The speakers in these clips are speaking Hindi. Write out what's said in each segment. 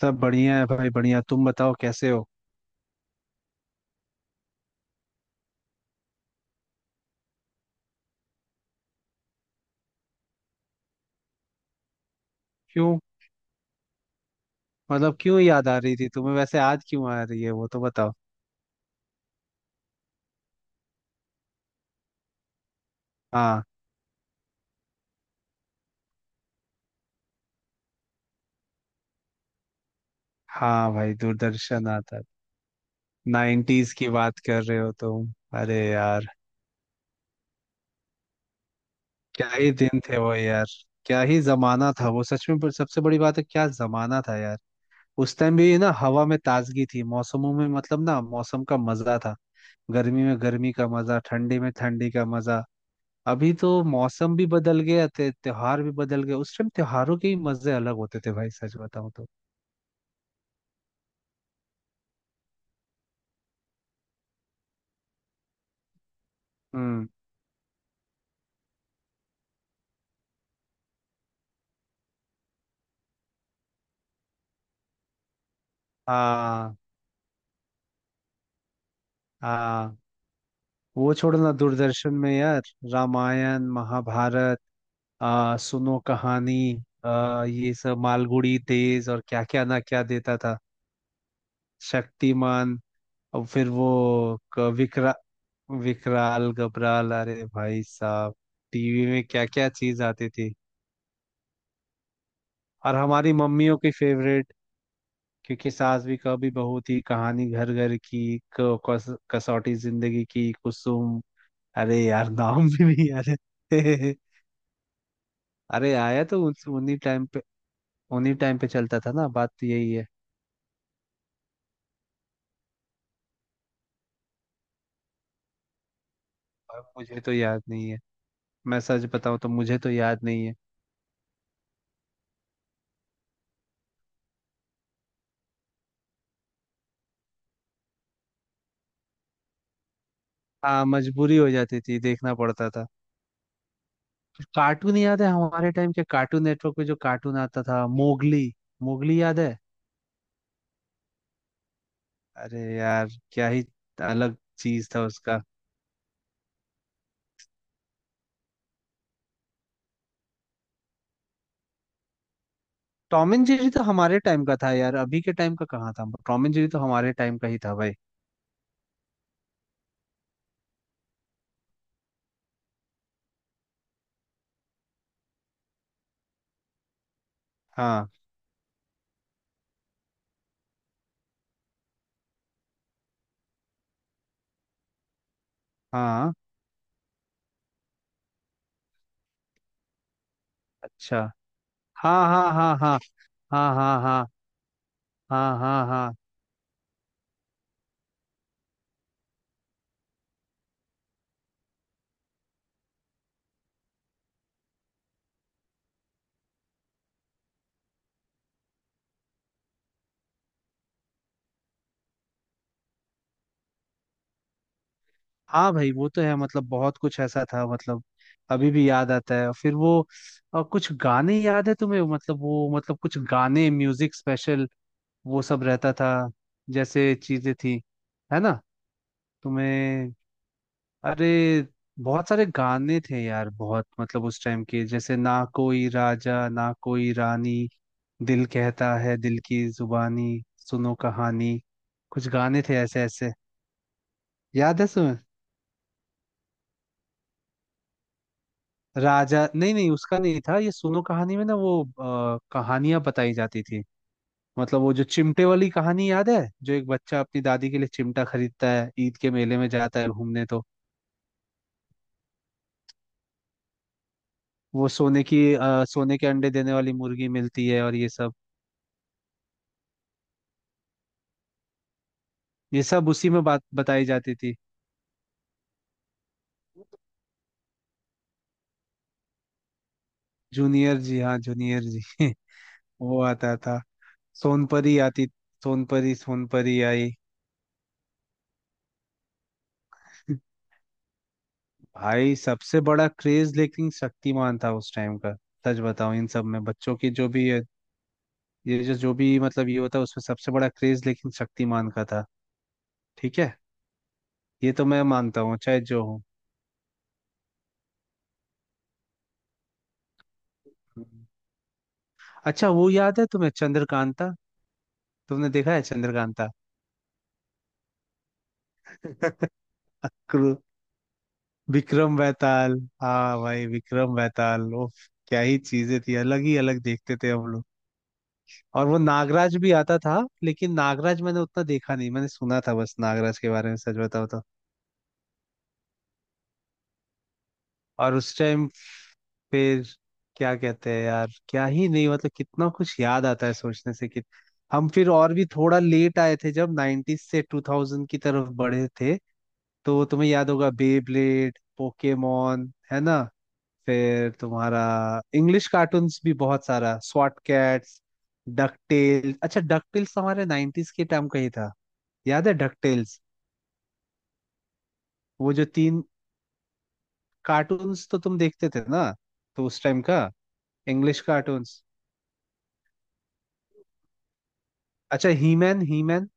सब बढ़िया है भाई बढ़िया। तुम बताओ कैसे हो? क्यों? मतलब क्यों याद आ रही थी तुम्हें, वैसे आज क्यों आ रही है वो तो बताओ। हाँ, हाँ भाई दूरदर्शन आता है। नाइन्टीज की बात कर रहे हो तुम? अरे यार! क्या ही दिन थे वो यार। क्या ही जमाना था वो सच में, पर सबसे बड़ी बात है क्या जमाना था यार। उस टाइम भी ना हवा में ताजगी थी, मौसमों में मतलब ना मौसम का मजा था। गर्मी में गर्मी का मजा, ठंडी में ठंडी का मजा। अभी तो मौसम भी बदल गया त्योहार भी बदल गए, उस टाइम त्योहारों के ही मजे अलग होते थे भाई, सच बताऊं तो। हम्म। हाँ। हाँ, वो छोड़ो ना, दूरदर्शन में यार रामायण महाभारत, सुनो कहानी, ये सब मालगुड़ी डेज और क्या क्या ना क्या देता था। शक्तिमान। और फिर वो विकराल गबराल, अरे भाई साहब! टीवी में क्या क्या चीज आती थी। और हमारी मम्मियों की फेवरेट क्योंि सास भी कभी बहू थी, कहानी घर घर की, कसौटी जिंदगी की, कुसुम। अरे यार नाम भी नहीं याद है। अरे आया तो उन्हीं टाइम पे, उन्हीं टाइम पे चलता था ना, बात तो यही है। और मुझे तो याद नहीं है। मैं सच बताऊं तो मुझे तो याद नहीं है। हाँ, मजबूरी हो जाती थी, देखना पड़ता था। कार्टून याद है? हमारे टाइम के कार्टून नेटवर्क पे जो कार्टून आता था, मोगली। मोगली याद है? अरे यार क्या ही अलग चीज था उसका। टॉम एंड जेरी तो हमारे टाइम का था यार, अभी के टाइम का कहाँ था? टॉम एंड जेरी तो हमारे टाइम का ही था भाई। हाँ, हाँ, अच्छा। हाँ, हाँ, हाँ, हाँ। हाँ, हाँ, हाँ, हाँ। हाँ, हाँ, हाँ। भाई वो तो है, मतलब बहुत कुछ ऐसा था, मतलब अभी भी याद आता है फिर वो। और कुछ गाने याद है तुम्हें, मतलब वो मतलब कुछ गाने म्यूजिक स्पेशल, वो सब रहता था, जैसे चीजें थी, है ना? तुम्हें? अरे बहुत सारे गाने थे यार, बहुत, मतलब उस टाइम के जैसे ना कोई राजा ना कोई रानी, दिल कहता है दिल की जुबानी, सुनो कहानी, कुछ गाने थे ऐसे ऐसे। याद है तुम्हें? राजा नहीं, नहीं उसका नहीं था ये। सुनो कहानी में ना वो कहानियां बताई जाती थी। मतलब वो जो चिमटे वाली कहानी याद है, जो एक बच्चा अपनी दादी के लिए चिमटा खरीदता है, ईद के मेले में जाता है घूमने, तो वो सोने की सोने के अंडे देने वाली मुर्गी मिलती है, और ये सब, ये सब उसी में बात बताई जाती थी। जूनियर जी, हाँ जूनियर जी। वो आता था। सोनपरी आती, सोनपरी, सोनपरी आई। भाई सबसे बड़ा क्रेज लेकिन शक्तिमान था उस टाइम का, सच बताऊं। इन सब में बच्चों की जो भी ये जो जो भी मतलब ये होता है, उसमें सबसे बड़ा क्रेज लेकिन शक्तिमान का था। ठीक है, ये तो मैं मानता हूँ चाहे जो हो। हम्म। अच्छा वो याद है तुम्हें चंद्रकांता? तुमने देखा है चंद्रकांता? क्रू- विक्रम बेताल। हाँ भाई विक्रम बेताल वो, क्या ही चीजें थी, अलग ही अलग देखते थे हम लोग। और वो नागराज भी आता था, लेकिन नागराज मैंने उतना देखा नहीं, मैंने सुना था बस नागराज के बारे में, सच बताओ तो। और उस टाइम फिर क्या कहते हैं यार, क्या ही नहीं, मतलब कितना कुछ याद आता है सोचने से कि, हम फिर और भी थोड़ा लेट आए थे जब 90s से 2000 की तरफ बढ़े थे, तो तुम्हें याद होगा बेब्लेड पोकेमॉन, है ना? फिर तुम्हारा इंग्लिश कार्टून्स भी बहुत सारा, स्वॉट कैट्स, डक टेल्स, अच्छा डक टेल्स हमारे 90s के टाइम का ही था। याद है डक टेल्स? वो जो तीन कार्टून्स तो तुम देखते थे ना, तो उस टाइम का इंग्लिश कार्टून्स। अच्छा हीमैन, हीमैन।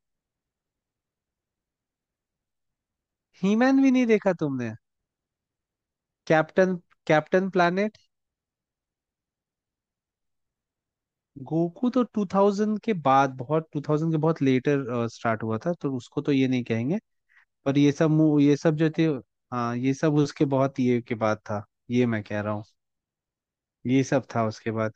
हीमैन भी नहीं देखा तुमने? Captain, Captain Planet. गोकू तो 2000 के बाद बहुत, 2000 के बहुत लेटर स्टार्ट हुआ था, तो उसको तो ये नहीं कहेंगे। पर ये सब ये सब जो थे, हाँ ये सब उसके बहुत ये के बाद था, ये मैं कह रहा हूँ। ये सब था उसके बाद।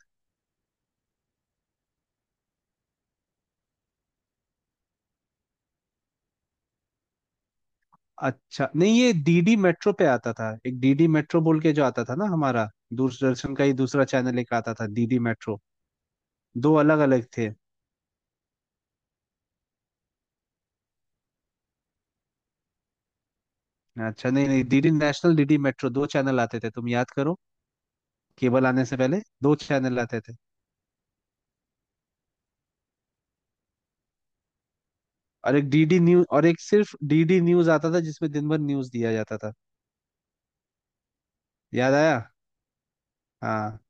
अच्छा नहीं, ये डीडी मेट्रो पे आता था, एक डीडी मेट्रो बोल के जो आता था ना हमारा, दूरदर्शन का ही दूसरा चैनल एक आता था डीडी मेट्रो। दो अलग अलग थे। अच्छा नहीं नहीं, डीडी नेशनल, डीडी मेट्रो, दो चैनल आते थे, तुम याद करो। केबल आने से पहले दो चैनल आते थे। और एक डीडी न्यूज, और एक सिर्फ डीडी न्यूज आता था जिसमें दिन भर न्यूज दिया जाता था। याद आया? हाँ।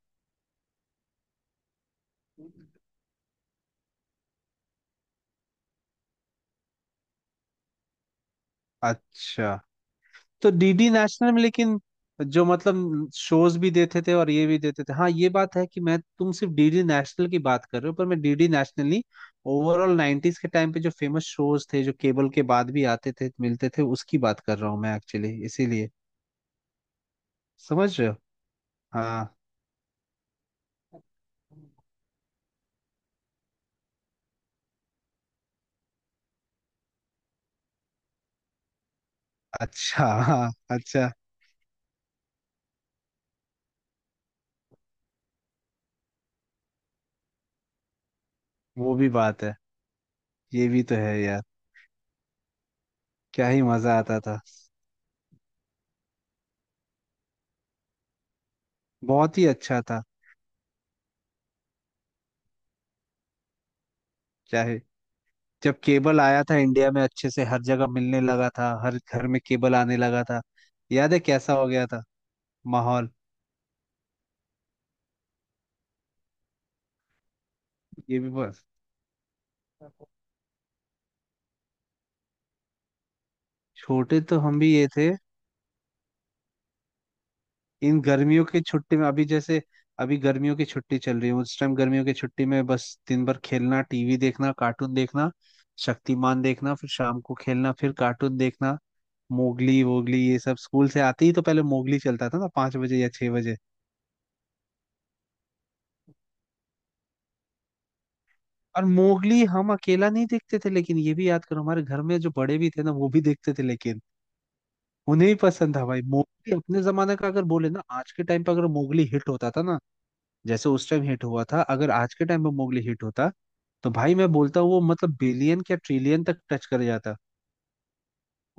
अच्छा तो डीडी नेशनल में लेकिन जो, मतलब शोज भी देते थे और ये भी देते थे, हाँ ये बात है, कि मैं, तुम सिर्फ डीडी नेशनल की बात कर रहे हो, पर मैं डीडी नेशनल नहीं, ओवरऑल 90s के टाइम पे जो फेमस शोज थे जो केबल के बाद भी आते थे मिलते थे, उसकी बात कर रहा हूँ मैं एक्चुअली, इसीलिए। समझ रहे हो? हाँ अच्छा, हाँ अच्छा, वो भी बात है, ये भी तो है यार, क्या ही मजा आता था, बहुत ही अच्छा था। क्या ही! जब केबल आया था इंडिया में अच्छे से, हर जगह मिलने लगा था, हर घर में केबल आने लगा था, याद है कैसा हो गया था माहौल? ये भी बस, छोटे तो हम भी ये थे। इन गर्मियों की छुट्टी में अभी जैसे, अभी गर्मियों की छुट्टी चल रही है, उस टाइम गर्मियों की छुट्टी में बस दिन भर खेलना, टीवी देखना, कार्टून देखना, शक्तिमान देखना, फिर शाम को खेलना, फिर कार्टून देखना, मोगली वोगली ये सब, स्कूल से आते ही तो पहले मोगली चलता था ना, पांच बजे या छह बजे। और मोगली हम अकेला नहीं देखते थे लेकिन, ये भी याद करो हमारे घर में जो बड़े भी थे ना वो भी देखते थे लेकिन, उन्हें भी पसंद था भाई मोगली, अपने जमाने का, अगर बोले ना आज के टाइम पर, अगर मोगली हिट होता था ना जैसे उस टाइम हिट हुआ था, अगर आज के टाइम पे मोगली हिट होता, तो भाई मैं बोलता हूँ वो मतलब बिलियन क्या ट्रिलियन तक टच कर जाता।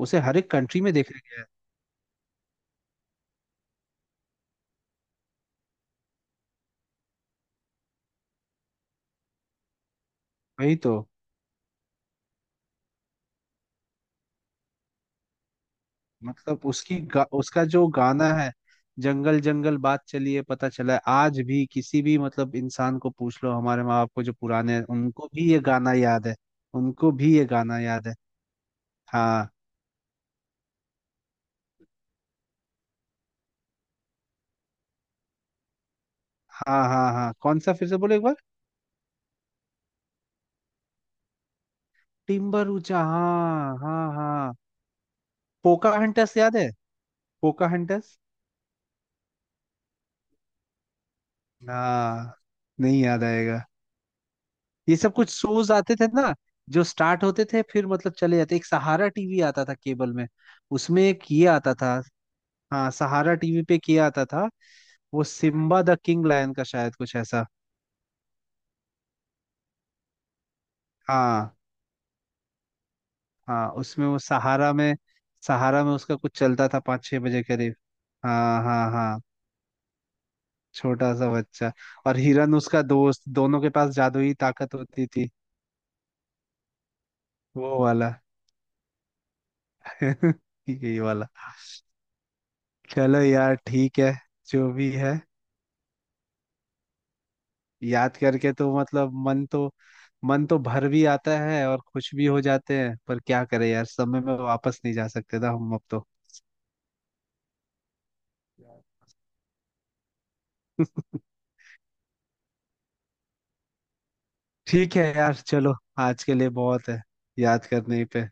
उसे हर एक कंट्री में देखा गया है। वही तो, मतलब उसकी उसका जो गाना है जंगल जंगल बात चली है पता चला है, आज भी किसी भी मतलब इंसान को पूछ लो, हमारे माँ बाप को जो पुराने हैं उनको भी ये गाना याद है। उनको भी ये गाना याद है। हाँ, हाँ, हाँ, हाँ। कौन सा, फिर से बोलो एक बार। टिम्बर ऊंचा, हाँ हाँ हाँ। पोका हंटर्स याद है? पोका हंटर्स। हाँ, नहीं याद आएगा। ये सब कुछ शोज आते थे ना, जो स्टार्ट होते थे फिर मतलब चले जाते। एक सहारा टीवी आता था केबल में, उसमें एक ये आता था। हाँ सहारा टीवी पे किया आता था। वो सिम्बा द किंग लायन का शायद कुछ ऐसा। हाँ। हाँ उसमें, वो सहारा में, सहारा में उसका कुछ चलता था पाँच छह बजे करीब। हाँ हाँ हाँ। छोटा सा बच्चा, और हिरन उसका दोस्त, दोनों के पास जादुई ताकत होती थी, वो वाला। यही वाला। चलो यार ठीक है, जो भी है। याद करके तो मतलब मन तो, मन तो भर भी आता है और खुश भी हो जाते हैं, पर क्या करें यार, समय में वापस नहीं जा सकते ना हम अब तो। ठीक है यार चलो, आज के लिए बहुत है, याद करने पे।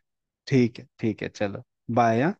ठीक है, ठीक है, चलो। बाय।